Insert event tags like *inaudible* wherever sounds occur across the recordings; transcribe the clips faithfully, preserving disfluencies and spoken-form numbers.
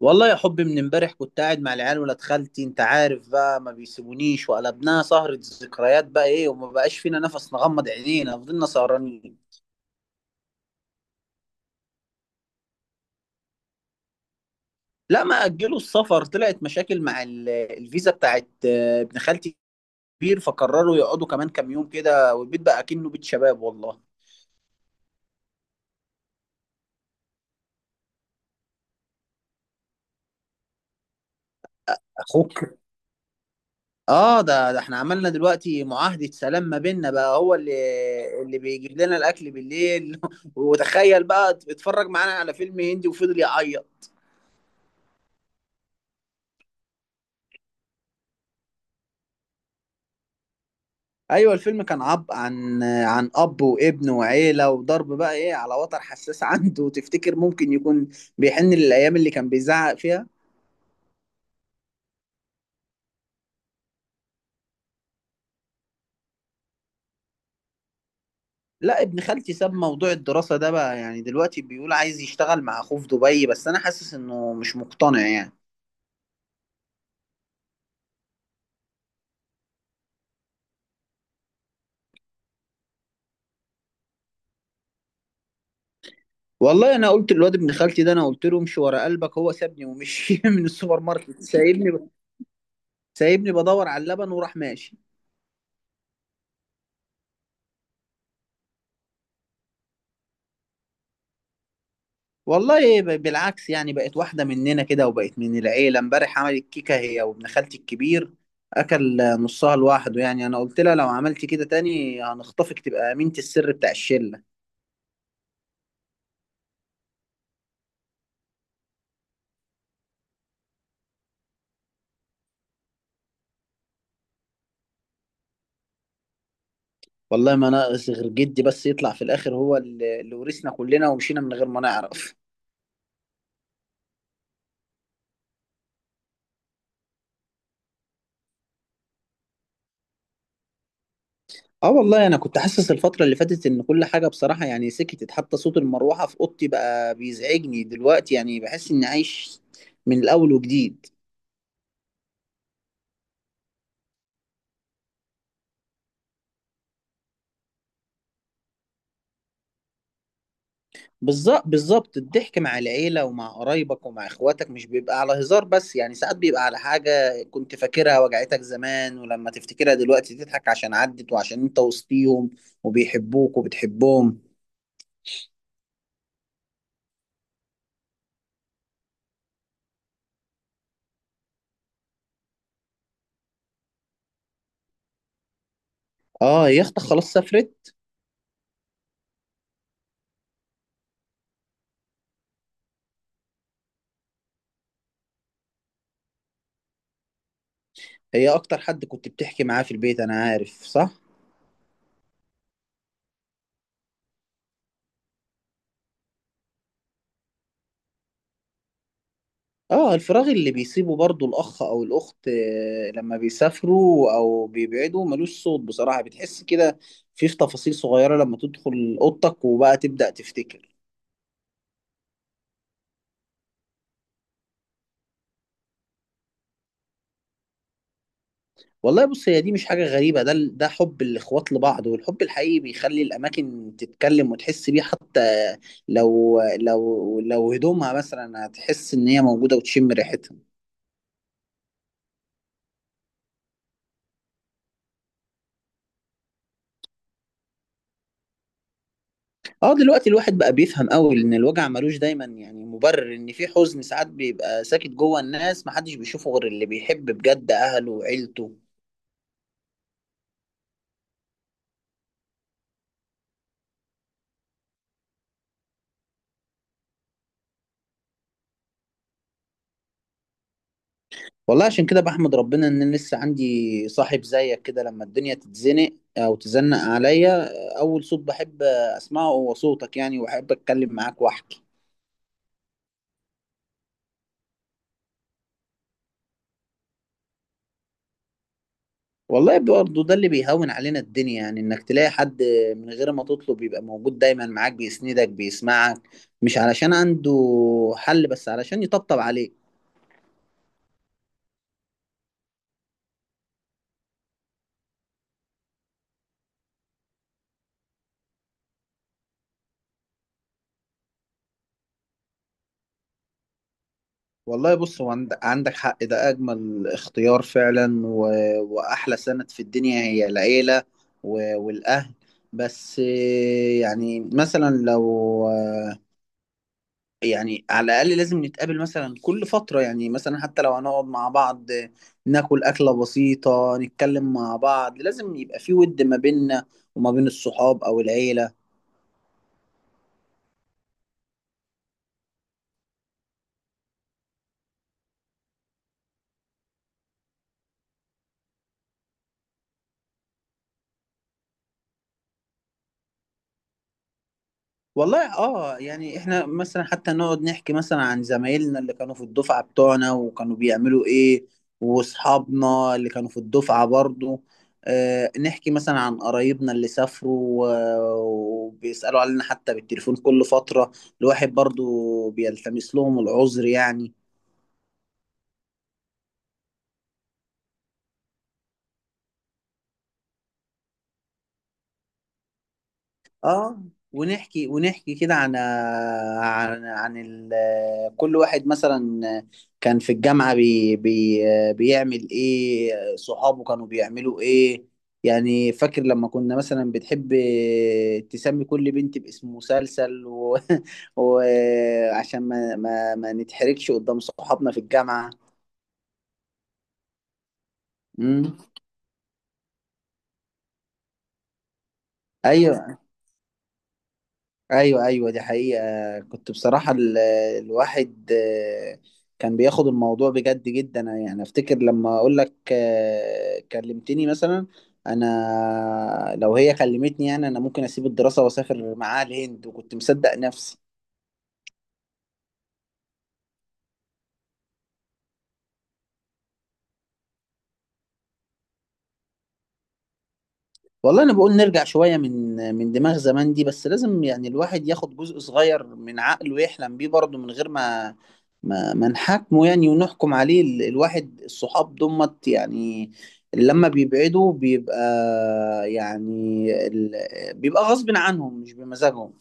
والله يا حبي، من امبارح كنت قاعد مع العيال ولاد خالتي. انت عارف بقى، ما بيسيبونيش، وقلبناها سهرة ذكريات، بقى ايه. وما بقاش فينا نفس نغمض عينينا، فضلنا سهرانين. لا، ما اجلوا السفر، طلعت مشاكل مع ال- الفيزا بتاعت آه، ابن خالتي كبير فقرروا يقعدوا كمان كام يوم كده، والبيت بقى كأنه بيت شباب والله. اخوك، اه، ده ده احنا عملنا دلوقتي معاهدة سلام ما بيننا، بقى هو اللي اللي بيجيب لنا الاكل بالليل *laughs* وتخيل بقى اتفرج معانا على فيلم هندي وفضل يعيط. ايوه الفيلم كان عب عن عن اب وابن وعيله، وضرب بقى ايه على وتر حساس *laughs* عنده. وتفتكر ممكن يكون بيحن للايام اللي كان بيزعق فيها. لا، ابن خالتي ساب موضوع الدراسه ده بقى، يعني دلوقتي بيقول عايز يشتغل مع اخوه في دبي، بس انا حاسس انه مش مقتنع يعني. والله انا قلت للواد ابن خالتي ده، انا قلت له امشي ورا قلبك، هو سابني ومشي *laughs* من السوبر ماركت، سايبني. سايبني بدور على اللبن وراح ماشي. والله ب- بالعكس، يعني بقت واحدة مننا كده وبقت من العيلة. امبارح عملت كيكة هي وابن خالتي الكبير، أكل نصها لوحده. يعني أنا قلت لها لو عملتي كده تاني هنخطفك، تبقى أمينة السر بتاع الشلة. والله ما ناقص غير جدي بس يطلع في الآخر هو اللي اللي ورثنا كلنا ومشينا من غير ما نعرف. اه والله انا كنت حاسس الفترة اللي فاتت ان كل حاجة بصراحة يعني سكتت، حتى صوت المروحة في اوضتي بقى بيزعجني دلوقتي، يعني بحس اني عايش من الاول وجديد. بالظبط بالظبط، الضحك مع العيلة ومع قرايبك ومع اخواتك مش بيبقى على هزار بس، يعني ساعات بيبقى على حاجة كنت فاكرها وجعتك زمان، ولما تفتكرها دلوقتي تضحك عشان عدت، وعشان انت وسطيهم وبيحبوك وبتحبهم. اه هي اختك خلاص سافرت. هي اكتر حد كنت بتحكي معاه في البيت، انا عارف، صح. اه الفراغ اللي بيسيبه برضو الاخ او الاخت آه، لما بيسافروا او بيبعدوا ملوش صوت بصراحة، بتحس كده في في تفاصيل صغيرة لما تدخل اوضتك، وبقى تبدأ تفتكر. والله بص، هي دي مش حاجة غريبة، ده ده حب الإخوات لبعض، والحب الحقيقي بيخلي الأماكن تتكلم وتحس بيه، حتى لو لو لو هدومها مثلا، هتحس إن هي موجودة وتشم ريحتها. اه دلوقتي الواحد بقى بيفهم قوي إن الوجع ملوش دايما يعني مبرر، إن في حزن ساعات بيبقى ساكت جوه الناس، محدش بيشوفه غير اللي بيحب بجد أهله وعيلته. والله عشان كده بحمد ربنا ان أنا لسه عندي صاحب زيك كده، لما الدنيا تتزنق او تزنق عليا، اول صوت بحب اسمعه هو صوتك، يعني واحب اتكلم معاك واحكي. والله برضه ده اللي بيهون علينا الدنيا، يعني انك تلاقي حد من غير ما تطلب يبقى موجود دايما معاك، بيسندك بيسمعك، مش علشان عنده حل، بس علشان يطبطب عليك. والله بص، هو عند- عندك حق، ده أجمل اختيار فعلا. و... وأحلى سند في الدنيا هي العيلة و... والأهل. بس آه، يعني مثلا لو آه، يعني على الأقل لازم نتقابل مثلا كل فترة، يعني مثلا حتى لو هنقعد مع بعض آه، ناكل أكلة بسيطة، نتكلم مع بعض، لازم يبقى في ود ما بيننا وما بين الصحاب أو العيلة. والله اه، يعني احنا مثلا حتى نقعد نحكي مثلا عن زمايلنا اللي كانوا في الدفعة بتوعنا وكانوا بيعملوا ايه، واصحابنا اللي كانوا في الدفعة برضو. آه نحكي مثلا عن قرايبنا اللي سافروا و- وبيسألوا علينا حتى بالتليفون كل فترة، الواحد برضو بيلتمس لهم العذر يعني. اه ونحكي ونحكي كده عن عن عن ال... كل واحد مثلا كان في الجامعة، بي... بي... بيعمل ايه، صحابه كانوا بيعملوا ايه. يعني فاكر لما كنا مثلا بتحب تسمي كل بنت باسم مسلسل و... *laughs* وعشان ما... ما ما نتحرجش قدام صحابنا في الجامعة. امم ايوه، ايوه، ايوه، دي حقيقة. كنت بصراحة ال- الواحد آه، كان بياخد الموضوع بجد جدا. يعني افتكر لما اقول لك آه، كلمتني مثلا، انا لو هي كلمتني، يعني انا ممكن اسيب الدراسة واسافر معاها الهند، وكنت مصدق نفسي. والله انا بقول نرجع شويه من من دماغ زمان دي، بس لازم يعني الواحد ياخد جزء صغير من عقله يحلم بيه برضه من غير ما ما, ما نحاكمه يعني ونحكم عليه. ال- الواحد الصحاب دمت يعني لما بيبعدوا بيبقى، يعني ال... بيبقى غصب عنهم مش بمزاجهم.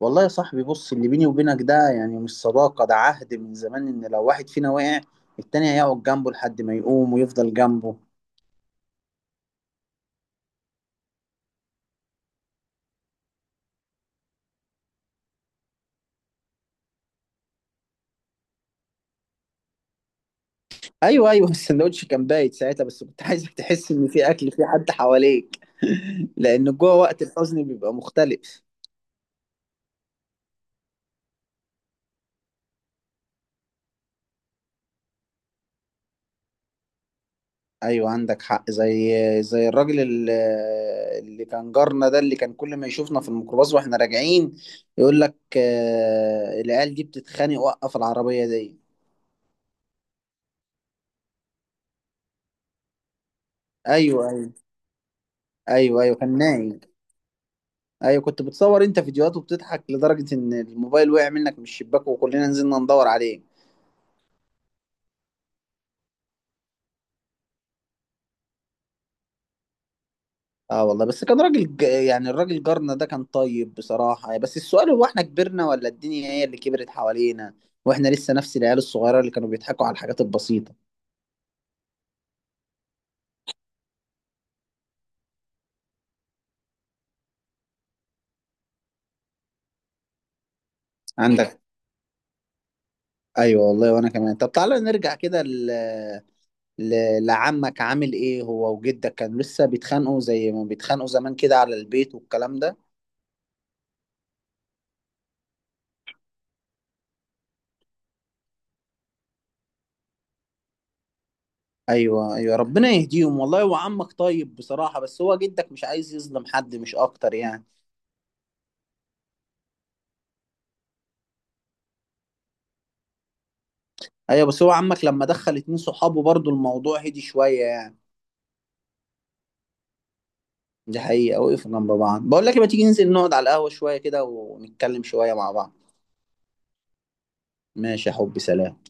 والله يا صاحبي بص، اللي بيني وبينك ده يعني مش صداقة، ده عهد من زمان إن لو واحد فينا وقع التاني هيقعد جنبه لحد ما يقوم ويفضل جنبه. ايوه ايوه، السندوتش كان بايت ساعتها، بس كنت عايزك تحس ان في اكل، في حد حواليك *laughs* لان جوه وقت الحزن بيبقى مختلف. ايوه عندك حق، زي زي الراجل ال- اللي كان جارنا ده، اللي كان كل ما يشوفنا في الميكروباص واحنا راجعين يقول لك آه، العيال دي بتتخانق، وقف العربيه دي. ايوه ايوه، ايوه ايوه، كان نايم. ايوه كنت بتصور انت فيديوهات وبتضحك لدرجه ان الموبايل وقع منك من الشباك، وكلنا نزلنا ندور عليه. اه والله بس كان راجل، ج... يعني الراجل جارنا ده كان طيب بصراحة. بس السؤال، هو احنا كبرنا ولا الدنيا هي اللي كبرت حوالينا، واحنا لسه نفس العيال الصغيرة اللي كانوا بيضحكوا على الحاجات البسيطة؟ عندك *laughs* ايوه والله، وانا كمان. طب تعالى نرجع كده ل... ل... لعمك، عامل ايه هو وجدك؟ كانوا لسه بيتخانقوا زي ما بيتخانقوا زمان كده على البيت والكلام ده؟ ايوه ايوه، ربنا يهديهم والله. هو عمك طيب بصراحة، بس هو جدك مش عايز يظلم حد، مش اكتر يعني. ايوه بس هو عمك لما دخل اتنين صحابه برضو الموضوع هدي شوية يعني. دي حقيقة، وقف جنب بعض. بقول لك إيه، ما تيجي ننزل نقعد على القهوة شوية كده ونتكلم شوية مع بعض؟ ماشي يا حبي، سلام.